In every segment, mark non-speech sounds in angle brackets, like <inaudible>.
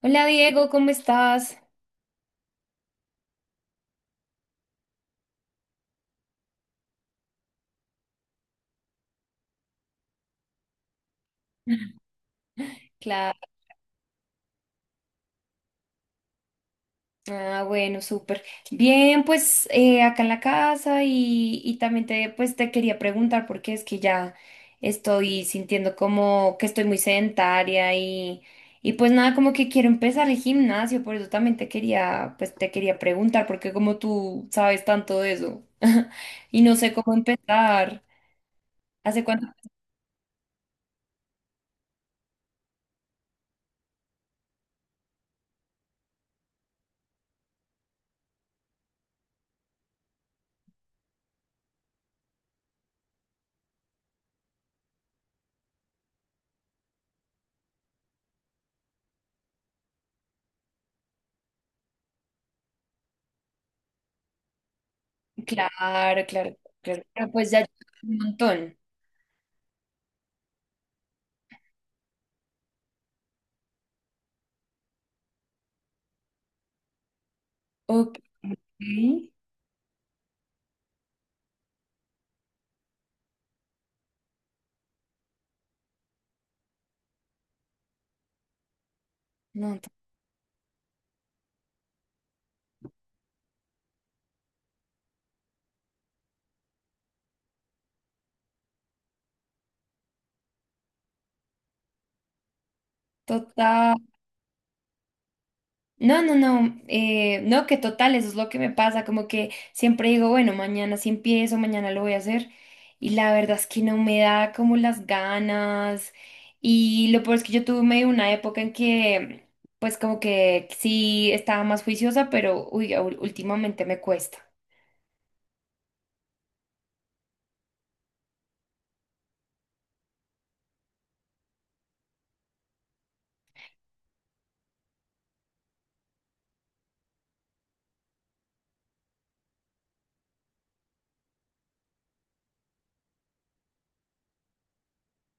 Hola Diego, ¿cómo estás? <laughs> Claro, bueno, súper. Bien, pues acá en la casa y también te quería preguntar porque es que ya estoy sintiendo como que estoy muy sedentaria y pues nada, como que quiero empezar el gimnasio, por eso también te quería preguntar porque como tú sabes tanto de eso <laughs> y no sé cómo empezar. ¿Hace cuánto? Claro, claro, claro, claro, pues ya llevo un montón. Ok, no. Total. No, no, no, no, que total, eso es lo que me pasa. Como que siempre digo, bueno, mañana sí empiezo, mañana lo voy a hacer. Y la verdad es que no me da como las ganas. Y lo peor es que yo tuve medio una época en que, pues como que sí estaba más juiciosa, pero uy, últimamente me cuesta.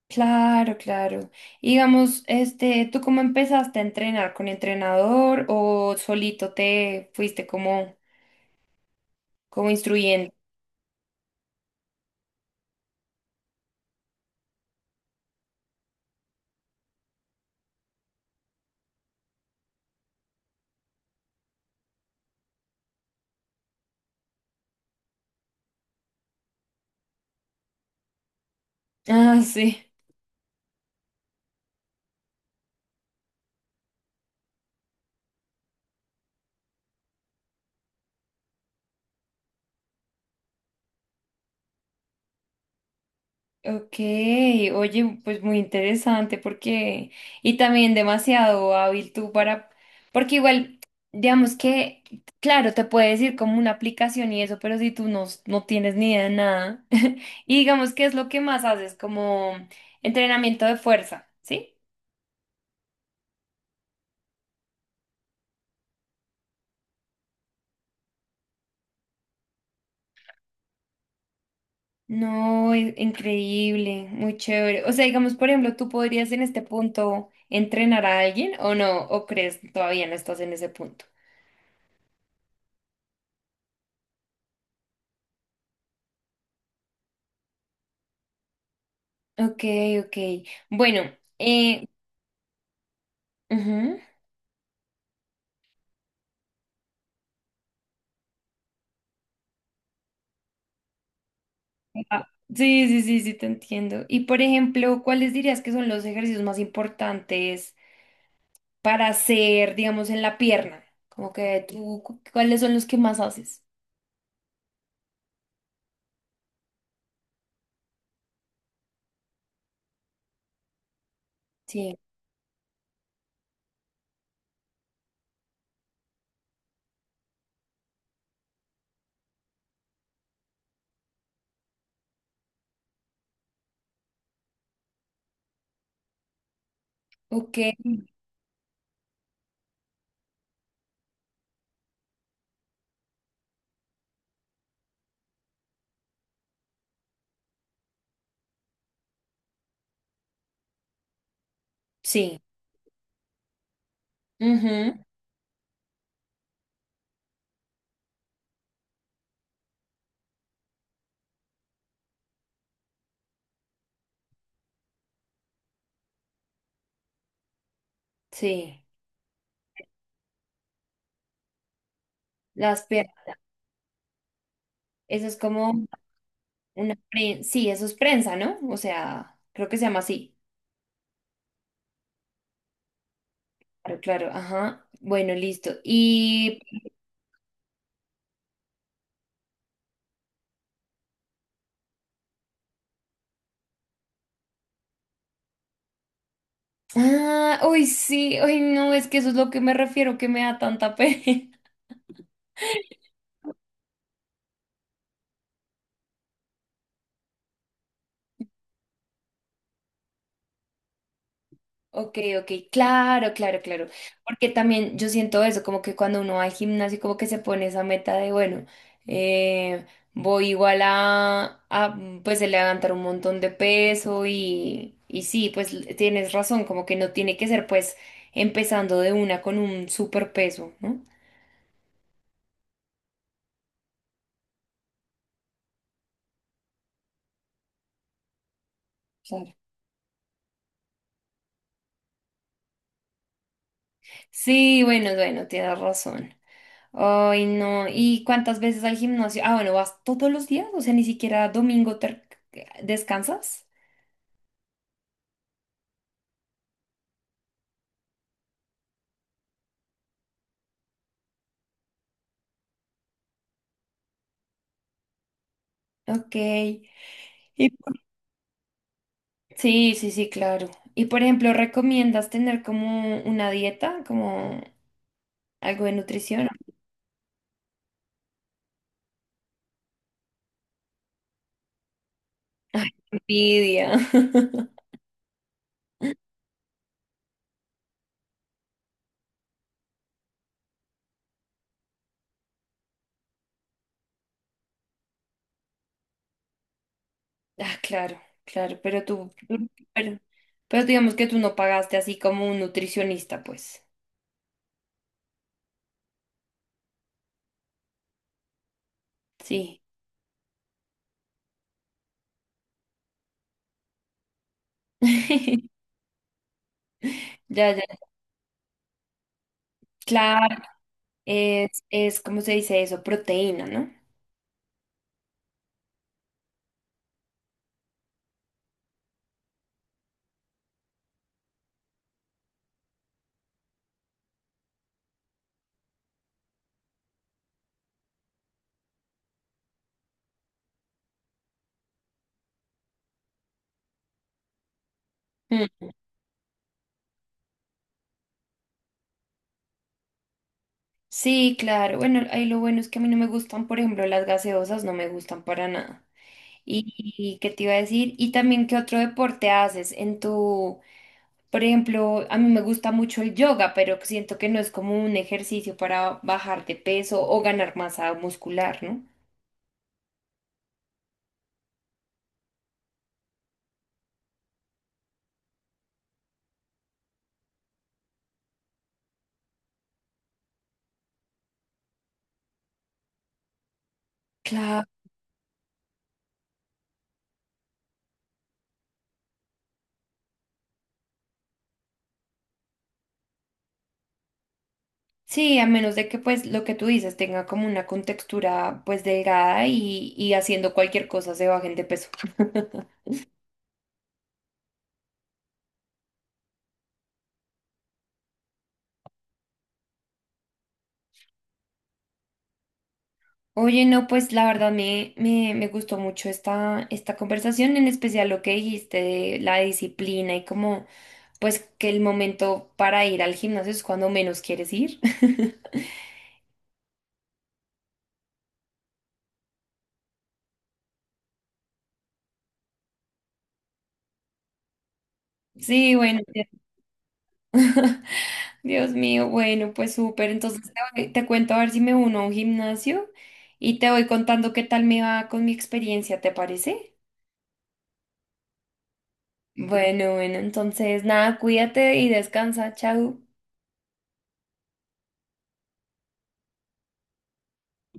Claro, claro. Y digamos, este, ¿tú cómo empezaste a entrenar? ¿Con entrenador o solito te fuiste como, como instruyendo? <laughs> Ah, sí. Ok, oye, pues muy interesante porque, y también demasiado hábil tú para, porque igual, digamos que, claro, te puede decir como una aplicación y eso, pero si tú no tienes ni idea de nada, <laughs> y digamos que es lo que más haces, como entrenamiento de fuerza, ¿sí? No, increíble, muy chévere. O sea, digamos, por ejemplo, ¿tú podrías en este punto entrenar a alguien o no? ¿O crees todavía no estás en ese punto? Ok, ok. Bueno, eh, ujú. Ah, sí, sí, sí, sí, te entiendo. Y por ejemplo, ¿cuáles dirías que son los ejercicios más importantes para hacer, digamos, en la pierna? Como que tú, ¿cuáles son los que más haces? Sí, ok, sí, ujú, sí, las piernas. Eso es como una prensa, sí, eso es prensa, ¿no? O sea, creo que se llama así. Claro, claro, ajá. Bueno, listo. Y ah, uy, sí, uy, no, es que eso es lo que me refiero, que me da tanta pena. <laughs> Ok, ok, claro, claro, claro. Porque también yo siento eso, como que cuando uno va al gimnasio, como que se pone esa meta de, bueno, eh, voy igual a, pues, levantar un montón de peso y sí, pues tienes razón, como que no tiene que ser, pues, empezando de una con un super peso, ¿no? Claro. Sí, bueno, bueno, tienes razón. Ay, no. ¿Y cuántas veces al gimnasio? Ah, bueno, ¿vas todos los días? O sea, ni siquiera domingo descansas. Ok. Y por- Sí, sí, sí, claro. Y por ejemplo, ¿recomiendas tener como una dieta, como algo de nutrición? Envidia. <laughs> Ah, claro, claro, pero pero digamos que tú no pagaste así como un nutricionista, pues. Sí. <laughs> Ya, ya. Claro. Es, ¿cómo se dice eso? Proteína, ¿no? Mm. Sí, claro. Bueno, ahí lo bueno es que a mí no me gustan, por ejemplo, las gaseosas no me gustan para nada. Y qué te iba a decir? Y también, ¿qué otro deporte haces en tu, por ejemplo, a mí me gusta mucho el yoga, pero siento que no es como un ejercicio para bajar de peso o ganar masa muscular, ¿no? Claro. Sí, a menos de que pues lo que tú dices tenga como una contextura pues delgada y haciendo cualquier cosa se bajen de peso. Oye, no, pues la verdad me gustó mucho esta conversación, en especial lo que dijiste de la disciplina y como, pues que el momento para ir al gimnasio es cuando menos quieres ir. <laughs> Sí, bueno, Dios mío, bueno, pues súper. Entonces te cuento a ver si me uno a un gimnasio y te voy contando qué tal me va con mi experiencia, ¿te parece? Bueno, bueno, entonces nada, cuídate y descansa, chao.